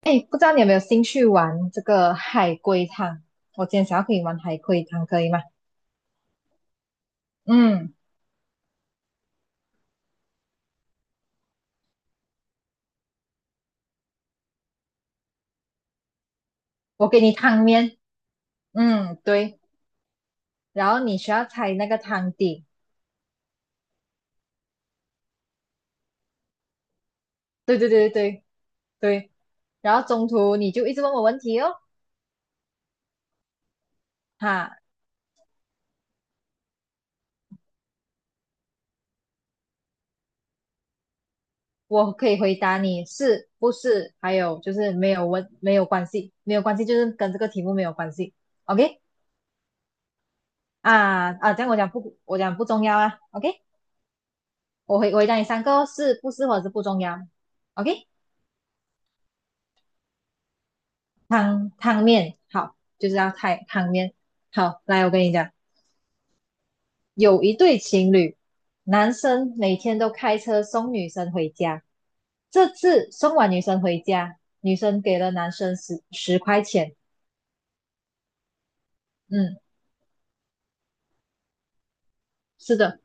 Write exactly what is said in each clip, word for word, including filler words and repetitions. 哎，不知道你有没有兴趣玩这个海龟汤？我今天想要跟你玩海龟汤，可以吗？嗯，我给你汤面。嗯，对，然后你需要猜那个汤底。对对对对对，然后中途你就一直问我问题哦。哈，我可以回答你是不是，还有就是没有问没有关系，没有关系就是跟这个题目没有关系，OK。 啊啊，这样我讲不我讲不重要啊，OK。我回我回答你三个哦，是不是或者是不重要，OK。汤汤面，好，就是要太汤面。好，来，我跟你讲，有一对情侣，男生每天都开车送女生回家。这次送完女生回家，女生给了男生十十块钱。嗯，是的。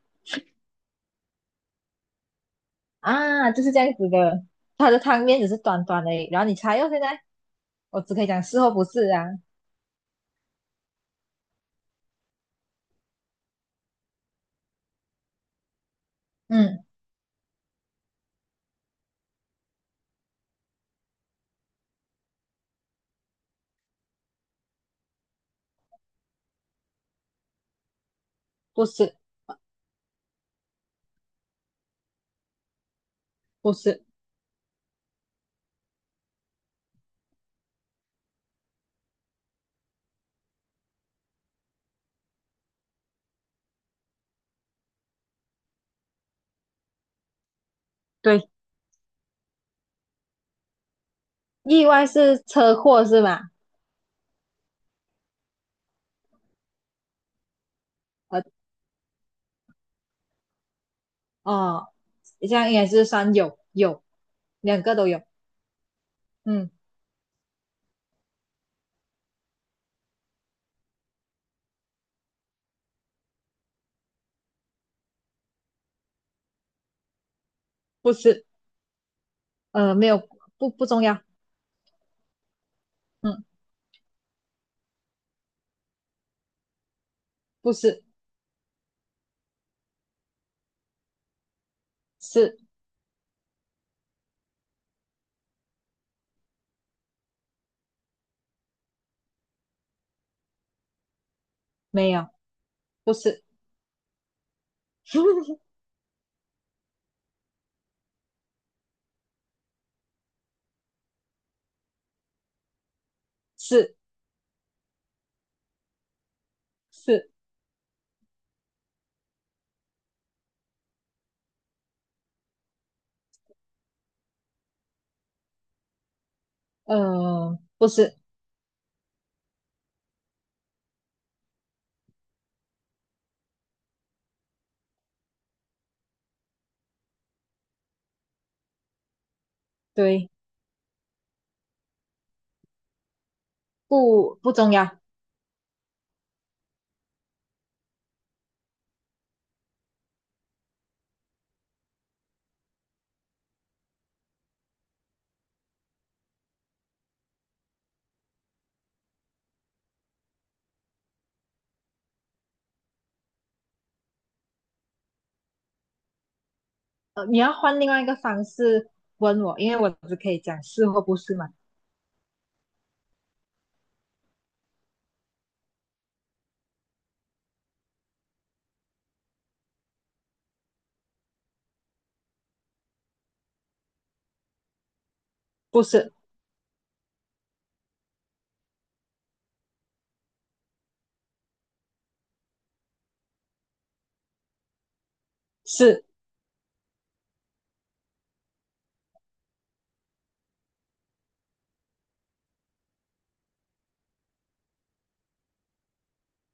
啊，就是这样子的。他的汤面只是短短的，然后你猜哦，现在我只可以讲是或不是啊。嗯，不是，不是，对，意外是车祸是吗？呃，哦，这样应该是算有有，两个都有。嗯，不是，呃，没有，不不重要。嗯，不是，是没有，不是。是是，呃，不是，对，不不重要。呃，你要换另外一个方式问我，因为我只可以讲是或不是嘛。不是，是，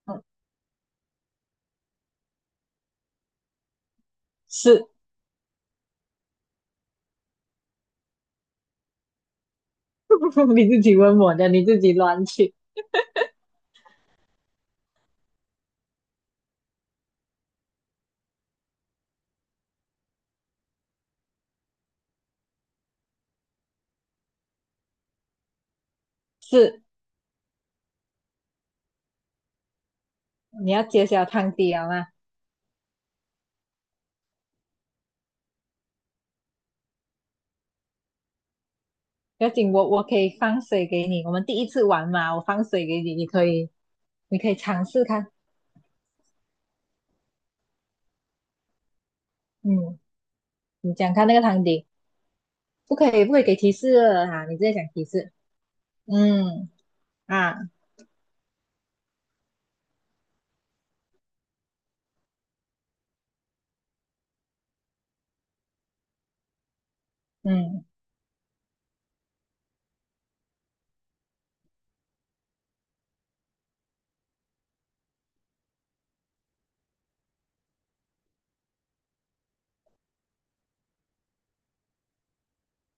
嗯，是。你自己问我的，你自己乱去。是，你要揭晓汤底了吗？不要紧，我我可以放水给你。我们第一次玩嘛，我放水给你，你可以，你可以尝试看。嗯，你讲看那个汤底。不可以，不可以给提示了啊！你直接讲提示。嗯啊，嗯，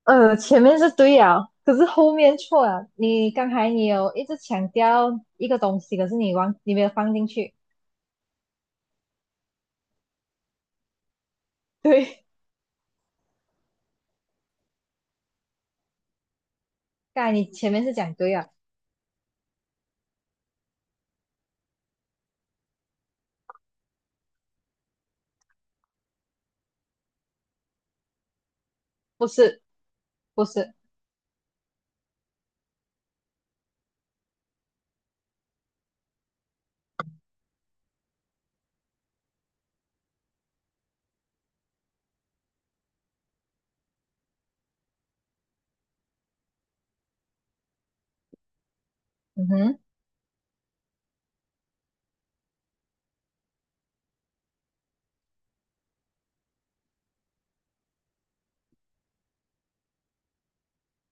呃，前面是对啊，可是后面错了。你刚才你有一直强调一个东西，可是你忘，你没有放进去。对，刚才你前面是讲对啊。不是，不是。嗯哼，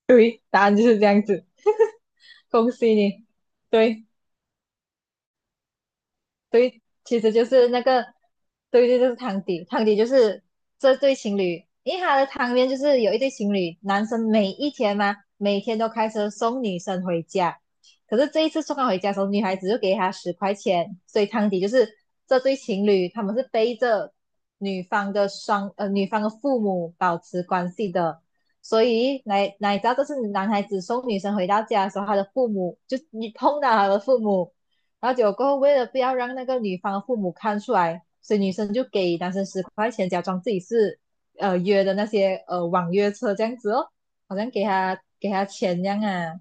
对，答案就是这样子。恭喜你，对。对，其实就是那个，对对，就是汤底，汤底就是这对情侣，因为他的汤面就是有一对情侣，男生每一天嘛，每天都开车送女生回家，可是这一次送她回家的时候，女孩子就给他十块钱，所以汤底就是这对情侣他们是背着女方的双呃女方的父母保持关系的，所以哪哪知道这是男孩子送女生回到家的时候，他的父母就你碰到他的父母。然后结果过后，为了不要让那个女方父母看出来，所以女生就给男生十块钱，假装自己是呃约的那些呃网约车这样子哦，好像给他给他钱这样啊。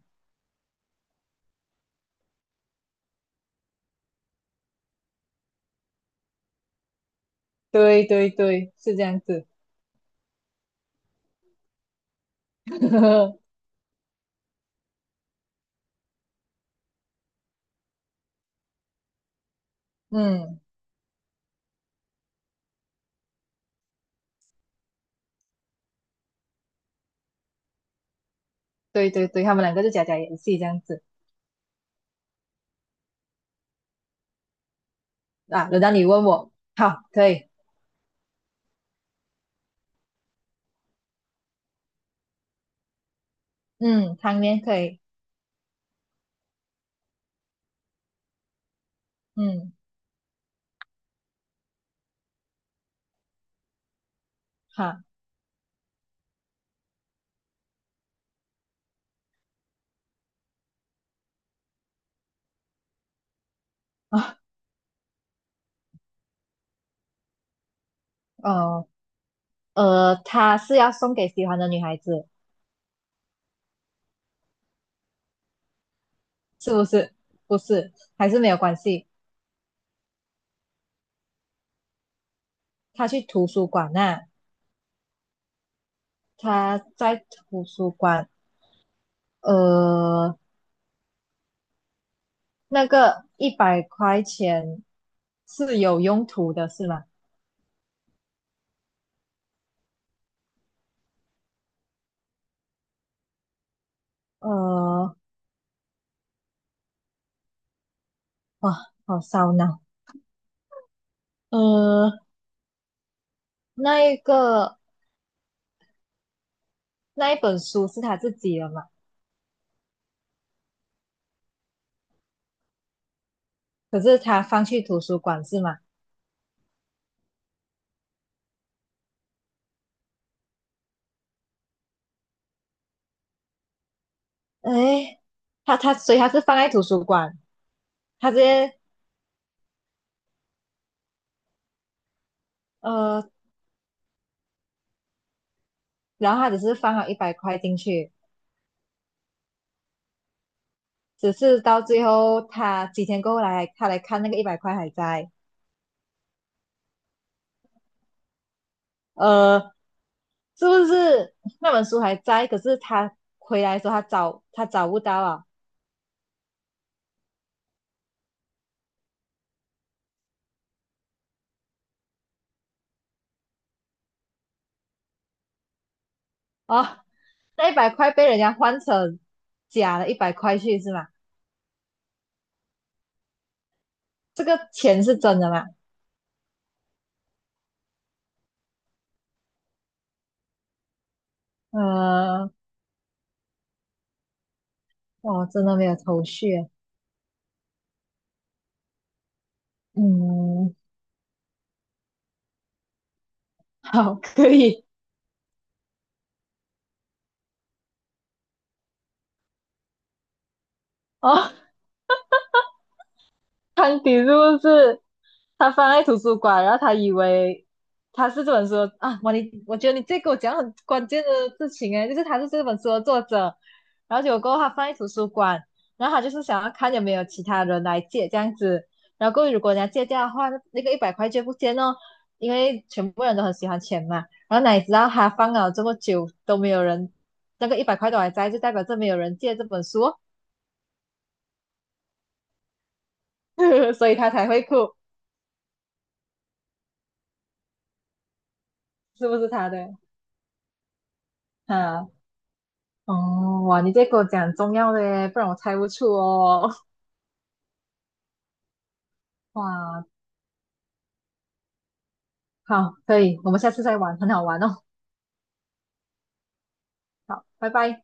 对对对，是这样子。嗯，对对对，他们两个就假假演戏这样子。啊，轮到你问我，好，可以，嗯，汤面可以。嗯，好啊。哦，呃，他是要送给喜欢的女孩子，是不是？不是，还是没有关系。他去图书馆那、他在图书馆，呃，那个一百块钱是有用途的，是吗？呃，哇，好烧脑。呃，那一个那一本书是他自己的嘛？可是他放去图书馆是吗？哎，他他所以他是放在图书馆，他直接。呃，然后他只是放了一百块进去，只是到最后他几天过后来他来看那个一百块还在。呃，是不是那本书还在？可是他回来的时候，他找他找不到啊！哦，那一百块被人家换成假的一百块去是吗？这个钱是真的吗？呃，我真的没有头绪啊。嗯，好，可以哦。汤迪是不是？他放在图书馆，然后他以为他是这本书的啊，我你我觉得你这给我讲很关键的事情诶，就是他是这本书的作者，然后结果过后他放在图书馆，然后他就是想要看有没有其他人来借这样子，然后过后如果人家借掉的话，那那个一百块就不见哦，因为全部人都很喜欢钱嘛，然后哪里知道他放了这么久都没有人，那个一百块都还在，就代表这没有人借这本书哦。所以他才会哭，是不是他的？啊。哦，哇，你这给我讲重要的耶，不然我猜不出哦。哇，好，可以，我们下次再玩，很好玩哦。好，拜拜。